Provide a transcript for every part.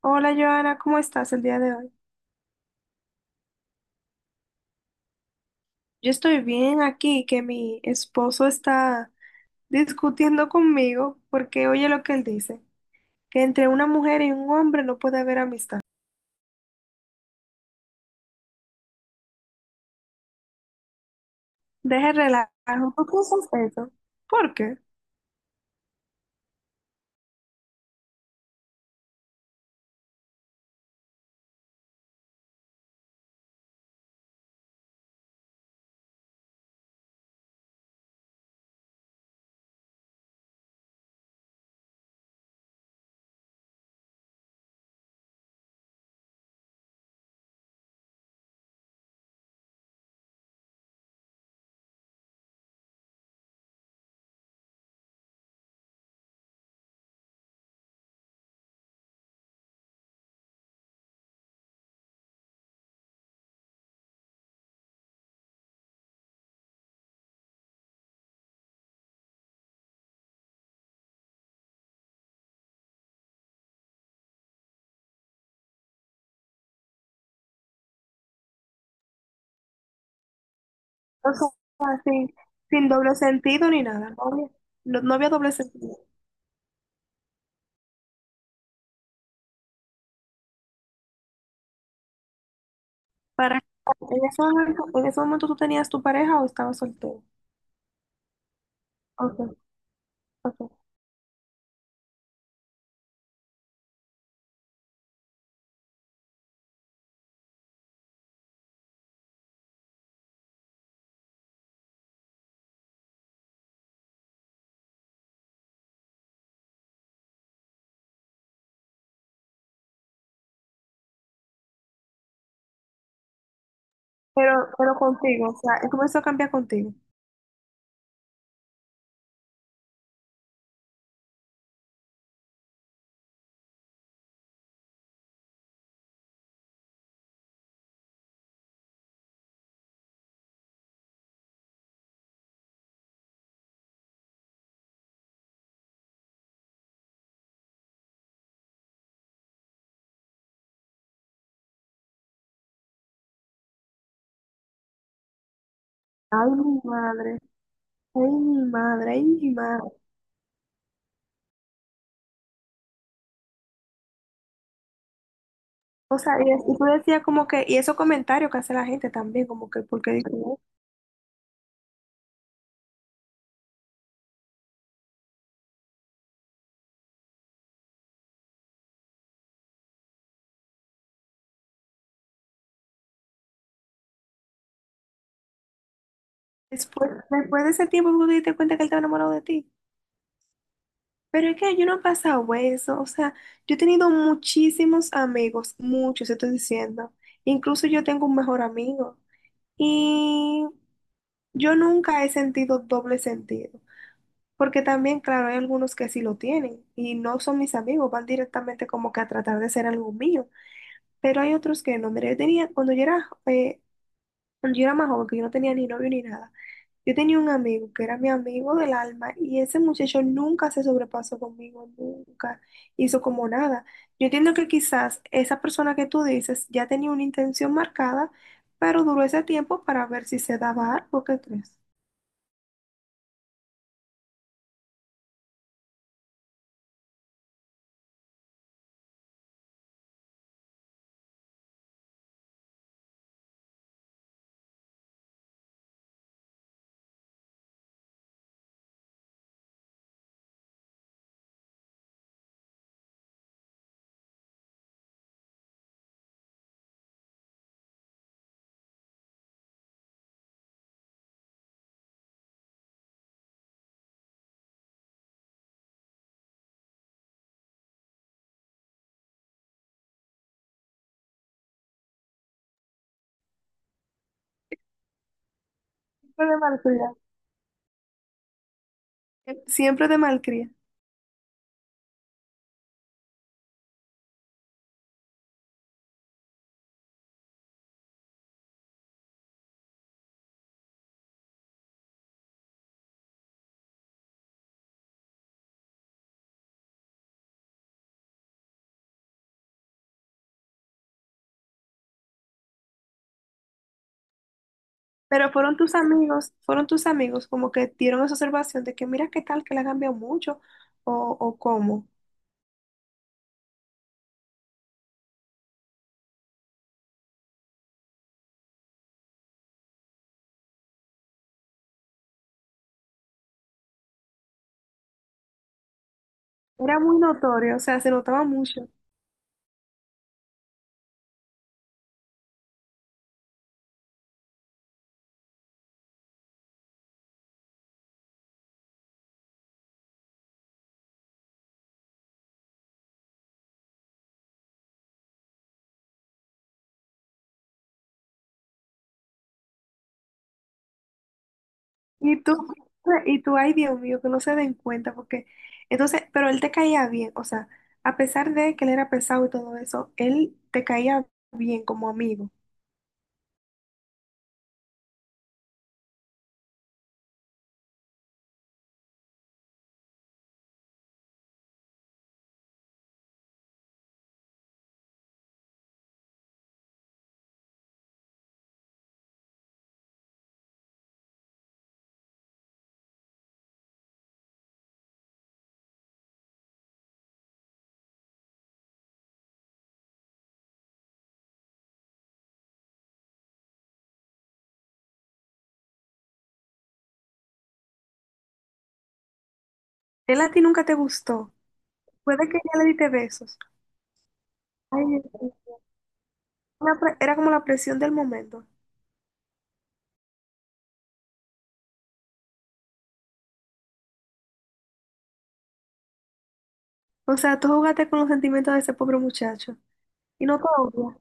Hola Joana, ¿cómo estás el día de hoy? Yo estoy bien aquí, que mi esposo está discutiendo conmigo porque oye lo que él dice, que entre una mujer y un hombre no puede haber amistad. Deje el relajo, ¿tú piensas eso? ¿Por qué? O sea, sin doble sentido ni nada, no había, no, no había doble sentido. Para, en ese momento tú tenías tu pareja o estabas soltero. Ok, ok. Pero, pero contigo, o sea, él comenzó a cambiar contigo. Ay, mi madre. Ay, mi madre, ay, mi madre. O sea, y, es- y tú decías como que, y esos comentarios que hace la gente también, como que, porque digo, "Oh, después, después de ese tiempo tú te diste cuenta que él estaba enamorado de ti". Pero es que yo no he pasado eso, o sea, yo he tenido muchísimos amigos, muchos, te estoy diciendo. Incluso yo tengo un mejor amigo. Y yo nunca he sentido doble sentido, porque también, claro, hay algunos que sí lo tienen y no son mis amigos, van directamente como que a tratar de ser algo mío. Pero hay otros que no. Mira, yo tenía, cuando yo era más joven, que yo no tenía ni novio ni nada, yo tenía un amigo que era mi amigo del alma y ese muchacho nunca se sobrepasó conmigo, nunca hizo como nada. Yo entiendo que quizás esa persona que tú dices ya tenía una intención marcada, pero duró ese tiempo para ver si se daba algo, ¿qué crees? Siempre de malcría. Siempre de malcría. Pero fueron tus amigos como que dieron esa observación de que mira qué tal que la ha cambiado mucho o, o cómo. Era muy notorio, o sea, se notaba mucho. Y tú, y tú, ay Dios mío, que no se den cuenta, porque entonces, pero él te caía bien, o sea, a pesar de que él era pesado y todo eso, él te caía bien como amigo. Él a ti nunca te gustó. Puede que ya le diste besos. Ay, Dios mío. Una pre- era como la presión del momento. O sea, tú jugaste con los sentimientos de ese pobre muchacho y no te odia.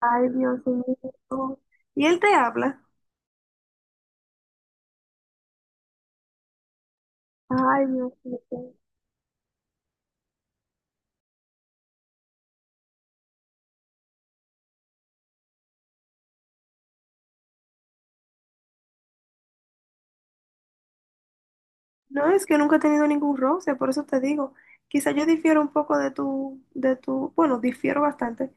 Ay, Dios mío. No. Y él te habla. Ay, Dios mío. No, es que nunca he tenido ningún roce, por eso te digo. Quizá yo difiero un poco de tu, bueno, difiero bastante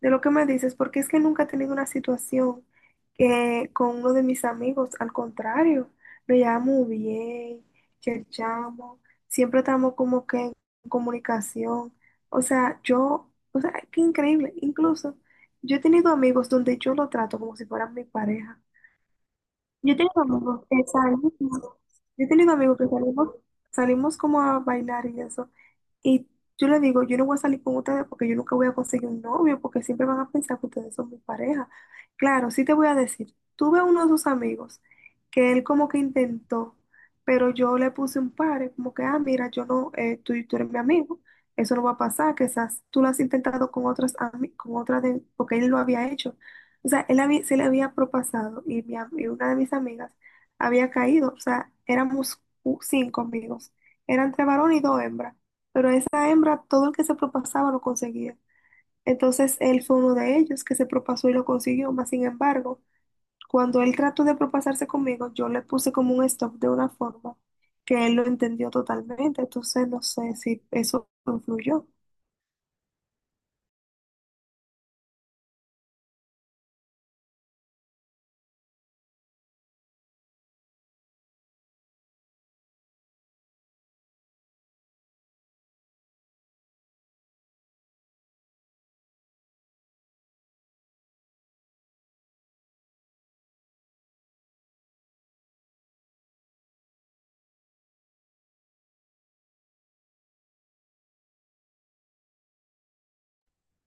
de lo que me dices, porque es que nunca he tenido una situación que con uno de mis amigos, al contrario, nos llevamos bien, cherchamos, siempre estamos como que en comunicación. O sea, yo, o sea, qué increíble. Incluso yo he tenido amigos donde yo lo trato como si fueran mi pareja. Yo tengo amigos que salimos, yo tengo amigos que salimos, salimos como a bailar y eso. Y yo le digo, yo no voy a salir con ustedes porque yo nunca voy a conseguir un novio, porque siempre van a pensar que ustedes son mi pareja. Claro, sí te voy a decir, tuve a uno de sus amigos que él como que intentó, pero yo le puse un par, como que, ah, mira, yo no, tú, tú eres mi amigo, eso no va a pasar, quizás tú lo has intentado con otras, ami- con otras de, porque él lo había hecho. O sea, él había- se le había propasado y, mi am- y una de mis amigas había caído. O sea, éramos cu- cinco amigos. Eran tres varones y dos hembras. Pero esa hembra, todo el que se propasaba lo conseguía. Entonces él fue uno de ellos que se propasó y lo consiguió. Mas sin embargo, cuando él trató de propasarse conmigo, yo le puse como un stop de una forma que él lo entendió totalmente. Entonces no sé si eso influyó.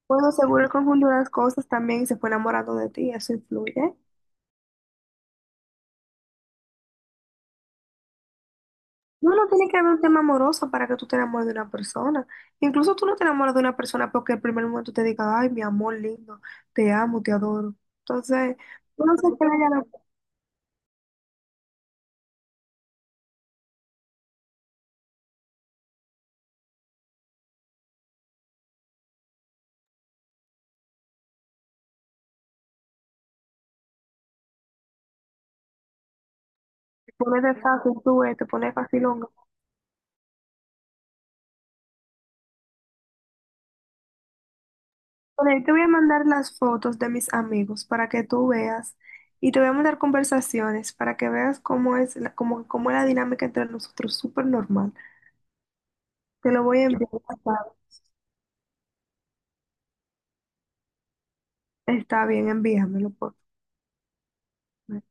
Bueno, seguro él confundió las cosas también y se fue enamorando de ti. Eso influye. No, no tiene que haber un tema amoroso para que tú te enamores de una persona. Incluso tú no te enamoras de una persona porque el primer momento te diga, ay, mi amor lindo, te amo, te adoro. Entonces, no sé qué le hayan te pones de fácil, tú ves, te pones facilonga. Bueno, ahí te voy a mandar las fotos de mis amigos para que tú veas y te voy a mandar conversaciones para que veas cómo es la, cómo, cómo es la dinámica entre nosotros, súper normal. Te lo voy a enviar. Está está bien, envíamelo, por favor.